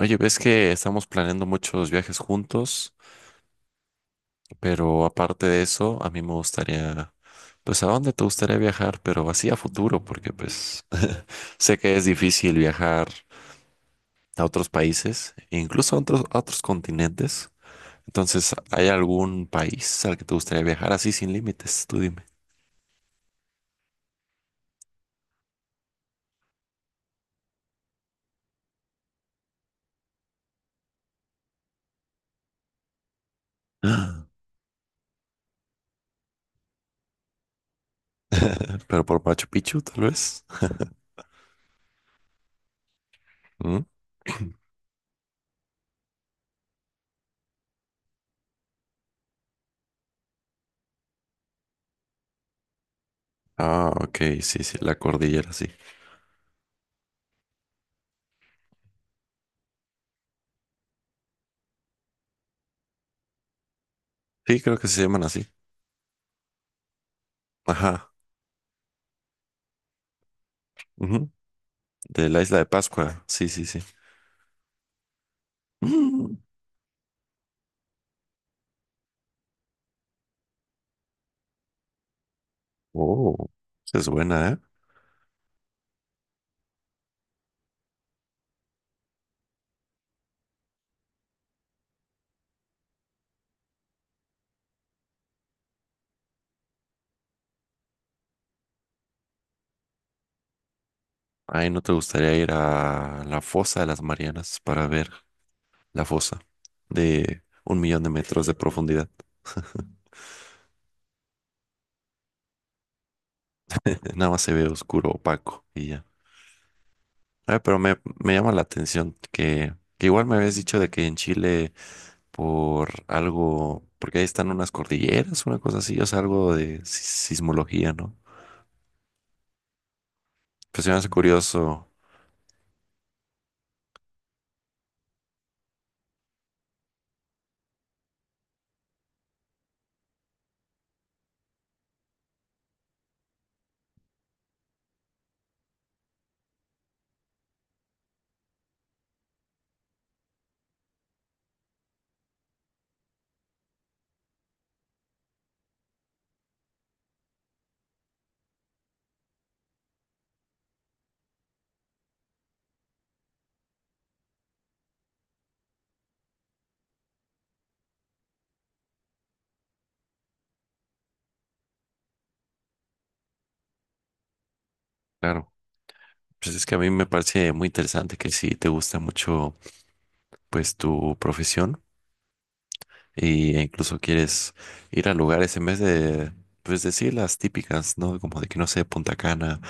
Oye, ves que estamos planeando muchos viajes juntos, pero aparte de eso, a mí me gustaría, pues, ¿a dónde te gustaría viajar? Pero así a futuro, porque pues sé que es difícil viajar a otros países, e incluso a otros continentes. Entonces, ¿hay algún país al que te gustaría viajar así sin límites? Tú dime. Pero por Machu Picchu, tal vez. ¿Mm? Ah, ok, sí, sí, la cordillera, sí. Sí, creo que se llaman así. Ajá. Ujú. De la isla de Pascua, sí, sí, sí. Mm. Oh, esa es buena, ¿eh? Ay, ¿no te gustaría ir a la fosa de las Marianas para ver la fosa de un millón de metros de profundidad? Nada más se ve oscuro, opaco y ya. Ay, pero me llama la atención que igual me habías dicho de que en Chile por algo, porque ahí están unas cordilleras, una cosa así, o sea, algo de sismología, ¿no? Pues se me hace curioso, claro. Pues es que a mí me parece muy interesante que si te gusta mucho pues tu profesión e incluso quieres ir a lugares en vez de pues decir las típicas, ¿no? Como de que no sé, Punta Cana,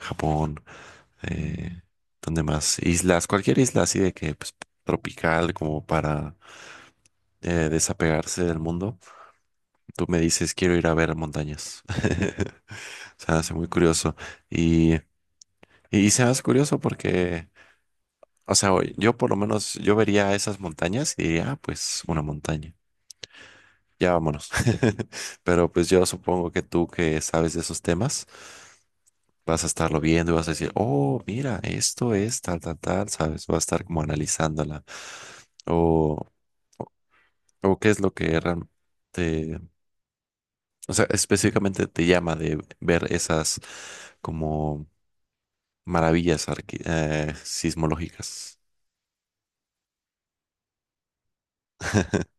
Japón, eh, ¿dónde más? Islas, cualquier isla así de que pues tropical como para desapegarse del mundo. Tú me dices, quiero ir a ver montañas. Se me hace muy curioso y, y se me hace curioso porque... O sea, yo por lo menos, yo vería esas montañas y diría, ah, pues una montaña. Ya vámonos. Pero pues yo supongo que tú que sabes de esos temas, vas a estarlo viendo y vas a decir, oh, mira, esto es tal, tal, tal, ¿sabes? Vas a estar como analizándola. O, o qué es lo que realmente, o sea, específicamente te llama de ver esas como maravillas sismológicas.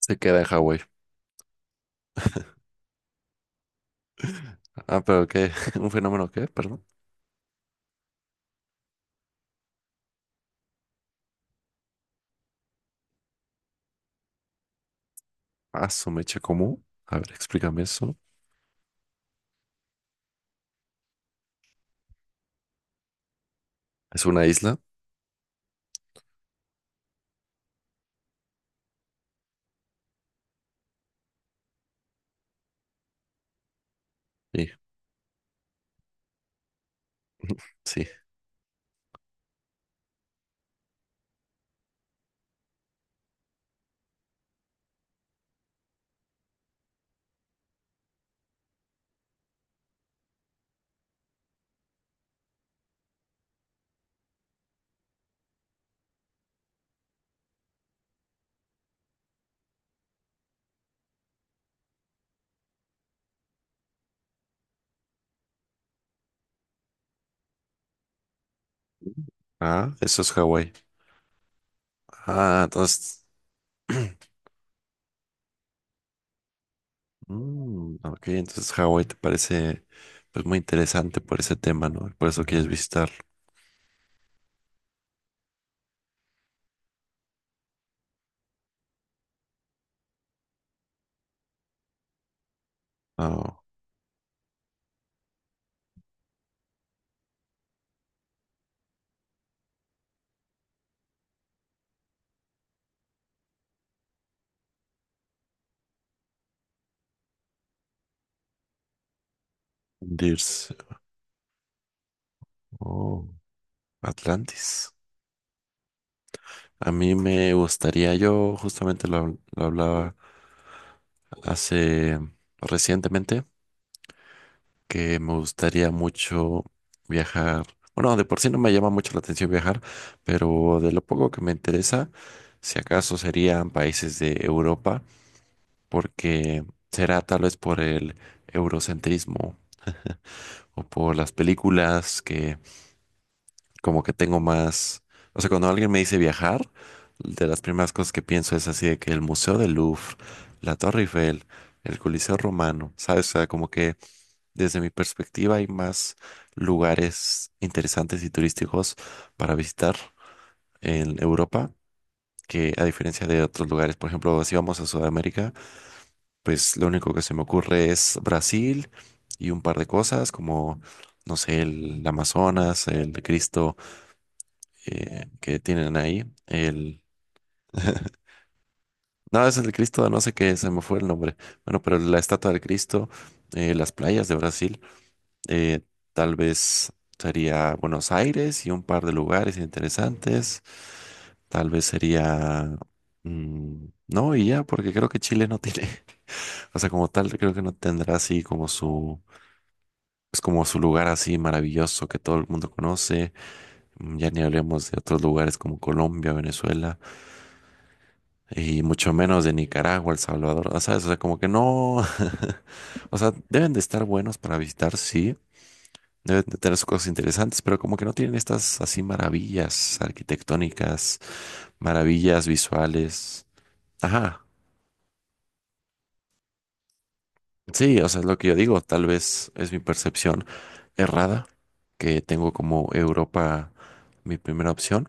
Se queda en Hawái. Ah, pero qué, un fenómeno qué, perdón. Ah, su mecha común. A ver, explícame eso. ¿Es una isla? Sí, sí. Ah, eso es Hawái. Ah, entonces... Mm, ok, entonces Hawái te parece pues muy interesante por ese tema, ¿no? Por eso quieres visitar. Oh, Dirce. Oh, Atlantis. A mí me gustaría, yo justamente lo hablaba hace recientemente, que me gustaría mucho viajar. Bueno, de por sí no me llama mucho la atención viajar, pero de lo poco que me interesa, si acaso serían países de Europa, porque será tal vez por el eurocentrismo o por las películas que como que tengo más, o sea, cuando alguien me dice viajar, de las primeras cosas que pienso es así de que el Museo del Louvre, la Torre Eiffel, el Coliseo Romano, ¿sabes? O sea, como que desde mi perspectiva, hay más lugares interesantes y turísticos para visitar en Europa que a diferencia de otros lugares. Por ejemplo, si vamos a Sudamérica, pues lo único que se me ocurre es Brasil y un par de cosas como, no sé, el Amazonas, el Cristo que tienen ahí, el... No, es el Cristo, no sé qué, se me fue el nombre. Bueno, pero la estatua del Cristo, las playas de Brasil. Eh, tal vez sería Buenos Aires y un par de lugares interesantes. Tal vez sería... no, y ya, porque creo que Chile no tiene, o sea, como tal, creo que no tendrá así como su, es como su lugar así maravilloso que todo el mundo conoce. Mm, ya ni hablemos de otros lugares como Colombia, Venezuela, y mucho menos de Nicaragua, El Salvador, o sea, como que no, o sea, deben de estar buenos para visitar, sí, deben de tener sus cosas interesantes, pero como que no tienen estas así maravillas arquitectónicas, maravillas visuales. Ajá. Sí, o sea, es lo que yo digo. Tal vez es mi percepción errada, que tengo como Europa mi primera opción.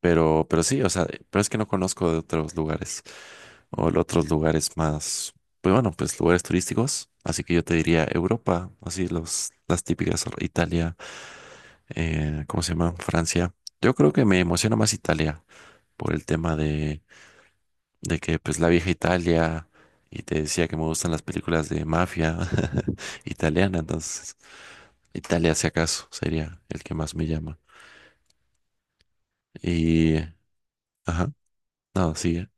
Pero sí, o sea, pero es que no conozco de otros lugares o de otros lugares más, pues bueno, pues lugares turísticos. Así que yo te diría Europa, así los, las típicas, Italia. ¿Cómo se llama? Francia. Yo creo que me emociona más Italia por el tema de, que pues la vieja Italia y te decía que me gustan las películas de mafia italiana, entonces Italia si acaso sería el que más me llama. Y, ajá, no, sigue.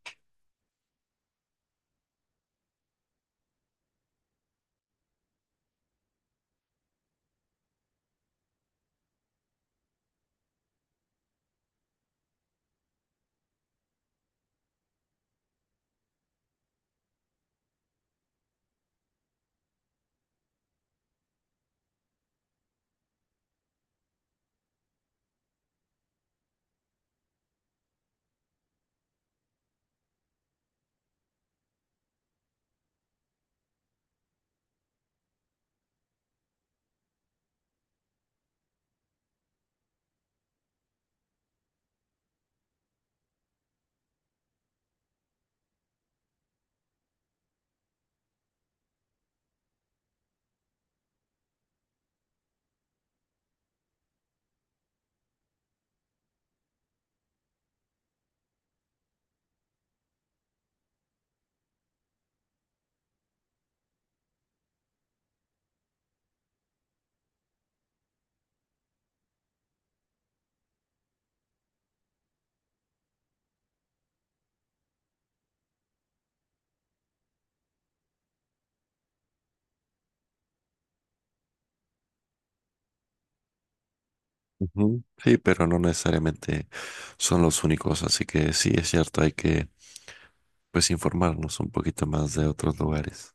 Ujú. Sí, pero no necesariamente son los únicos, así que sí es cierto, hay que pues informarnos un poquito más de otros lugares.